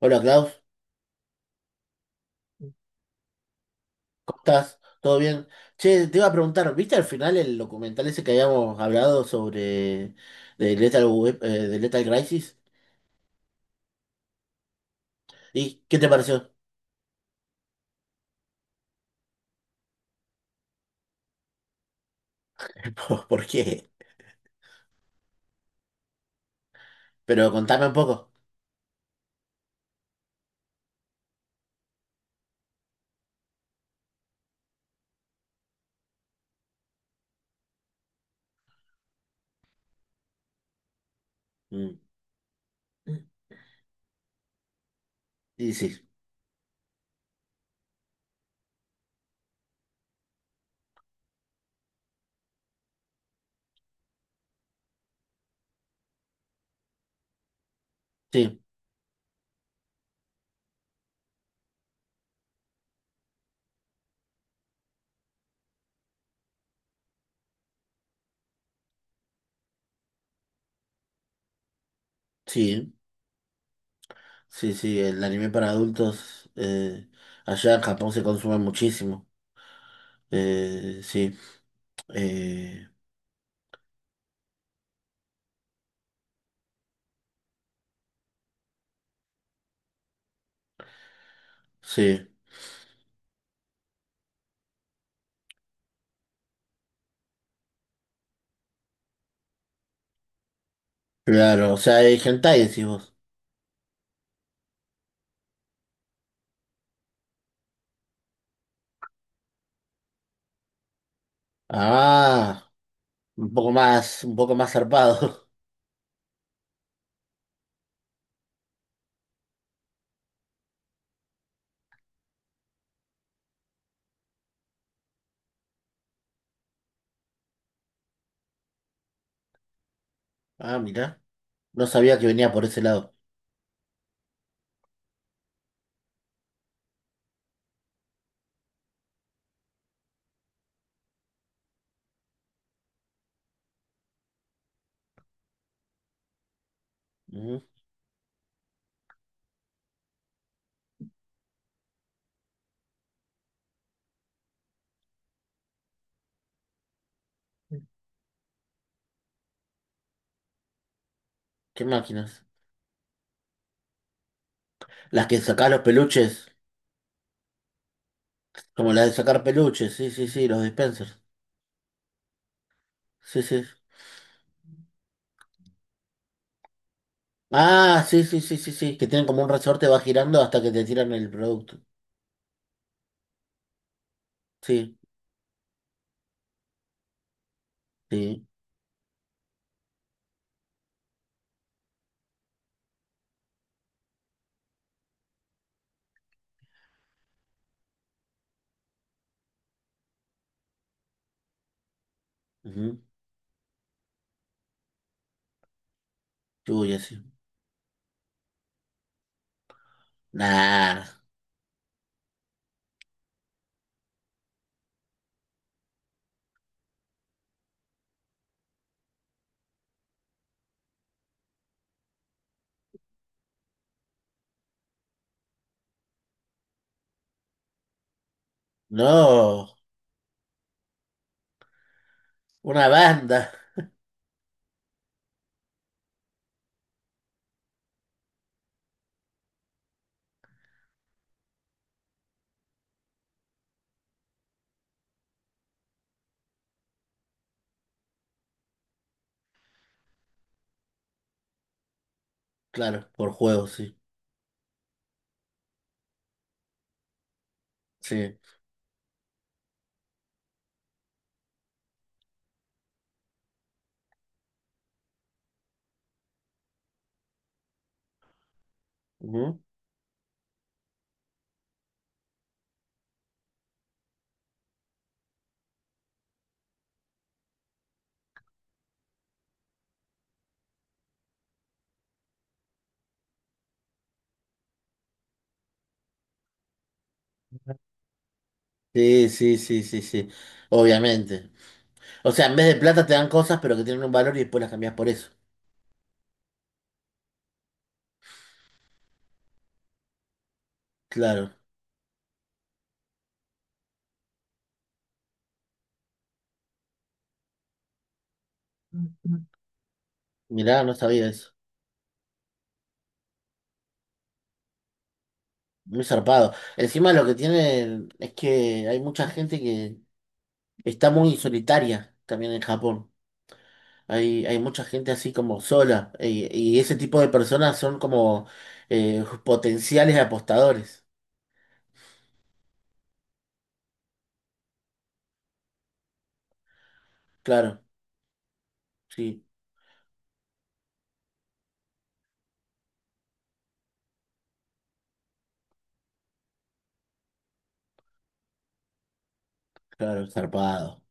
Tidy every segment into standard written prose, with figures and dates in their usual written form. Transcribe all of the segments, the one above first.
Hola Klaus, ¿cómo estás? ¿Todo bien? Che, te iba a preguntar, ¿viste al final el documental ese que habíamos hablado sobre de Lethal, de Lethal Crisis? ¿Y qué te pareció? ¿Por qué? Pero contame un poco. Mm. Y sí, sí, sí, el anime para adultos allá en Japón se consume muchísimo. Sí, eh, sí, claro, o sea, hay hentai, decís vos. Ah, un poco más zarpado. Ah, mirá. No sabía que venía por ese lado. Ujú. ¿Qué máquinas? Las que sacás los peluches. Como las de sacar peluches. Sí, sí, sí, los dispensers. Sí, sí. Ah, sí, sí, sí, sí, sí. Que tienen como un resorte, va girando hasta que te tiran el producto. Sí, sí. Ujú. Uy, así. Nah. No. Una banda. Claro, por juego, sí. Sí. Ujú. Sí, sí, sí, sí, sí. Obviamente. O sea, en vez de plata te dan cosas, pero que tienen un valor y después las cambias por eso. Claro. Mirá, no sabía eso. Muy zarpado. Encima lo que tiene es que hay mucha gente que está muy solitaria también en Japón. Hay mucha gente así como sola. Y ese tipo de personas son como potenciales apostadores. Claro, sí, claro, zarpado.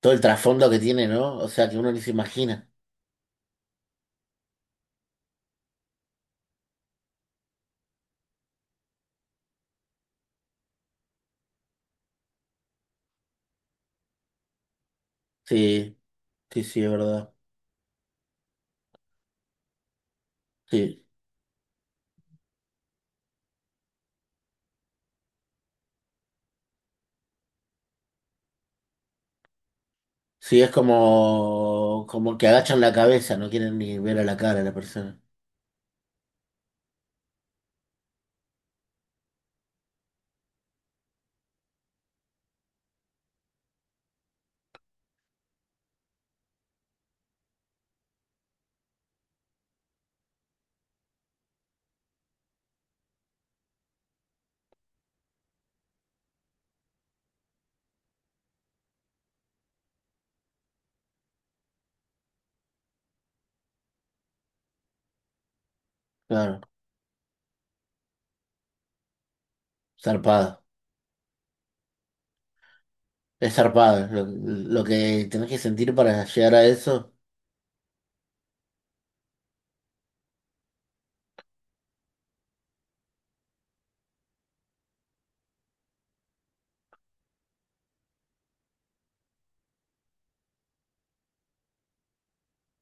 Todo el trasfondo que tiene, ¿no? O sea, que uno ni se imagina. Sí, sí, sí, es verdad. Sí, sí, es como, como que agachan la cabeza, no quieren ni ver a la cara a la persona. Claro, zarpado. Es zarpado, lo que tenés que sentir para llegar a eso.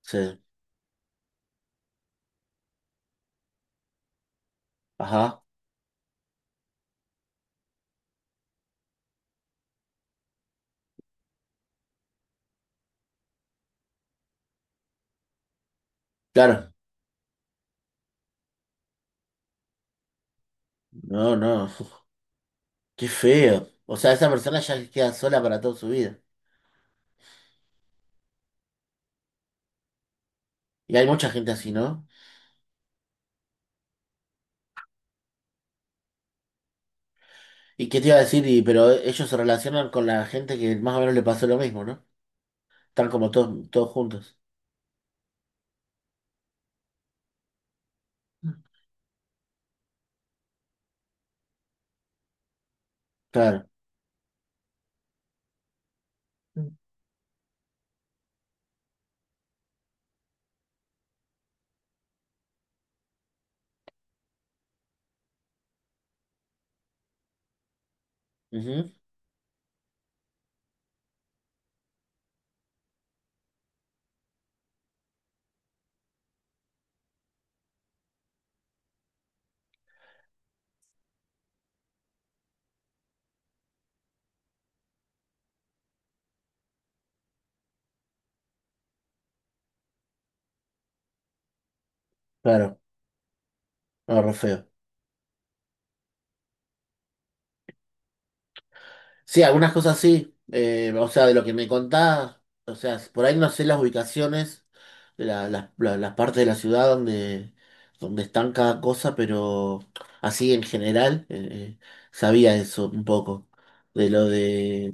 Sí. Ajá. Claro. No, no. Uf, qué feo. O sea, esa persona ya queda sola para toda su vida. Y hay mucha gente así, ¿no? ¿Y qué te iba a decir? Y pero ellos se relacionan con la gente que más o menos le pasó lo mismo, ¿no? Están como todos, todos juntos. Claro. Ujú, claro. No, re feo. Sí, algunas cosas sí. O sea, de lo que me contás, o sea, por ahí no sé las ubicaciones, las partes de la ciudad donde, donde están cada cosa, pero así en general sabía eso un poco. De lo de,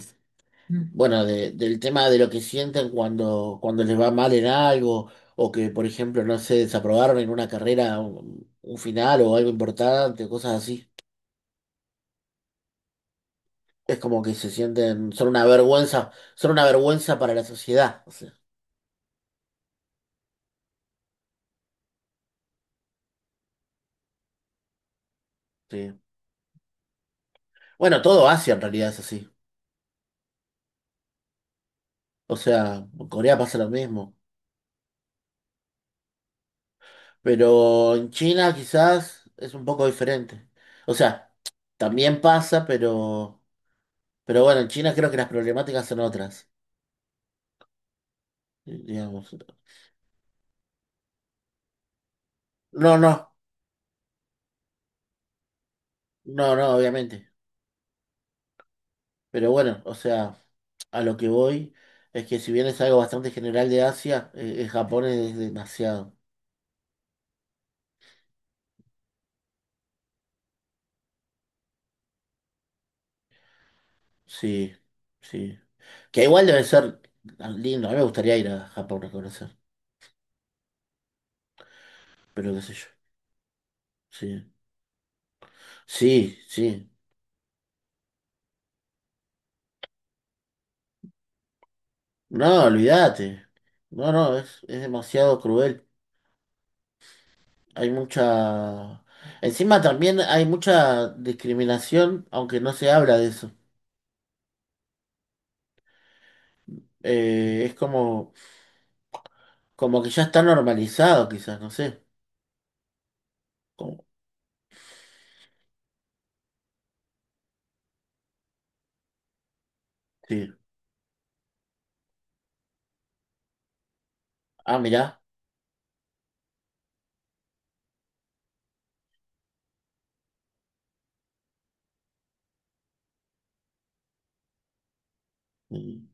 bueno, del tema de lo que sienten cuando, cuando les va mal en algo, o que, por ejemplo, no se desaprobaron en una carrera un final o algo importante, cosas así. Es como que se sienten, son una vergüenza para la sociedad. O sea, sí. Bueno, todo Asia en realidad es así. O sea, en Corea pasa lo mismo. Pero en China quizás es un poco diferente. O sea, también pasa, pero bueno, en China creo que las problemáticas son otras, digamos. No, no, no, no, obviamente. Pero bueno, o sea, a lo que voy es que si bien es algo bastante general de Asia, Japón es demasiado. Sí, sí. Que igual debe ser lindo. A mí me gustaría ir a Japón a conocer. Pero qué sé yo. Sí. Sí, sí. No, olvídate. No, no, es demasiado cruel. Hay mucha... Encima también hay mucha discriminación, aunque no se habla de eso. Es como, como que ya está normalizado, quizás, no sé. Como- sí. Ah, mirá. Mm,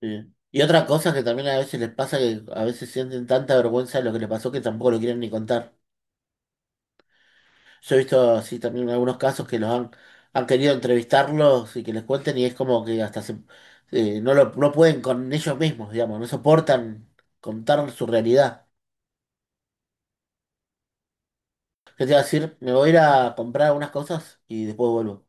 sí. Y otra cosa que también a veces les pasa que a veces sienten tanta vergüenza de lo que les pasó que tampoco lo quieren ni contar. Yo he visto así también algunos casos que los han, han querido entrevistarlos y que les cuenten y es como que hasta se- no lo, no pueden con ellos mismos, digamos, no soportan contar su realidad. Yo te iba a decir, me voy a ir a comprar algunas cosas y después vuelvo.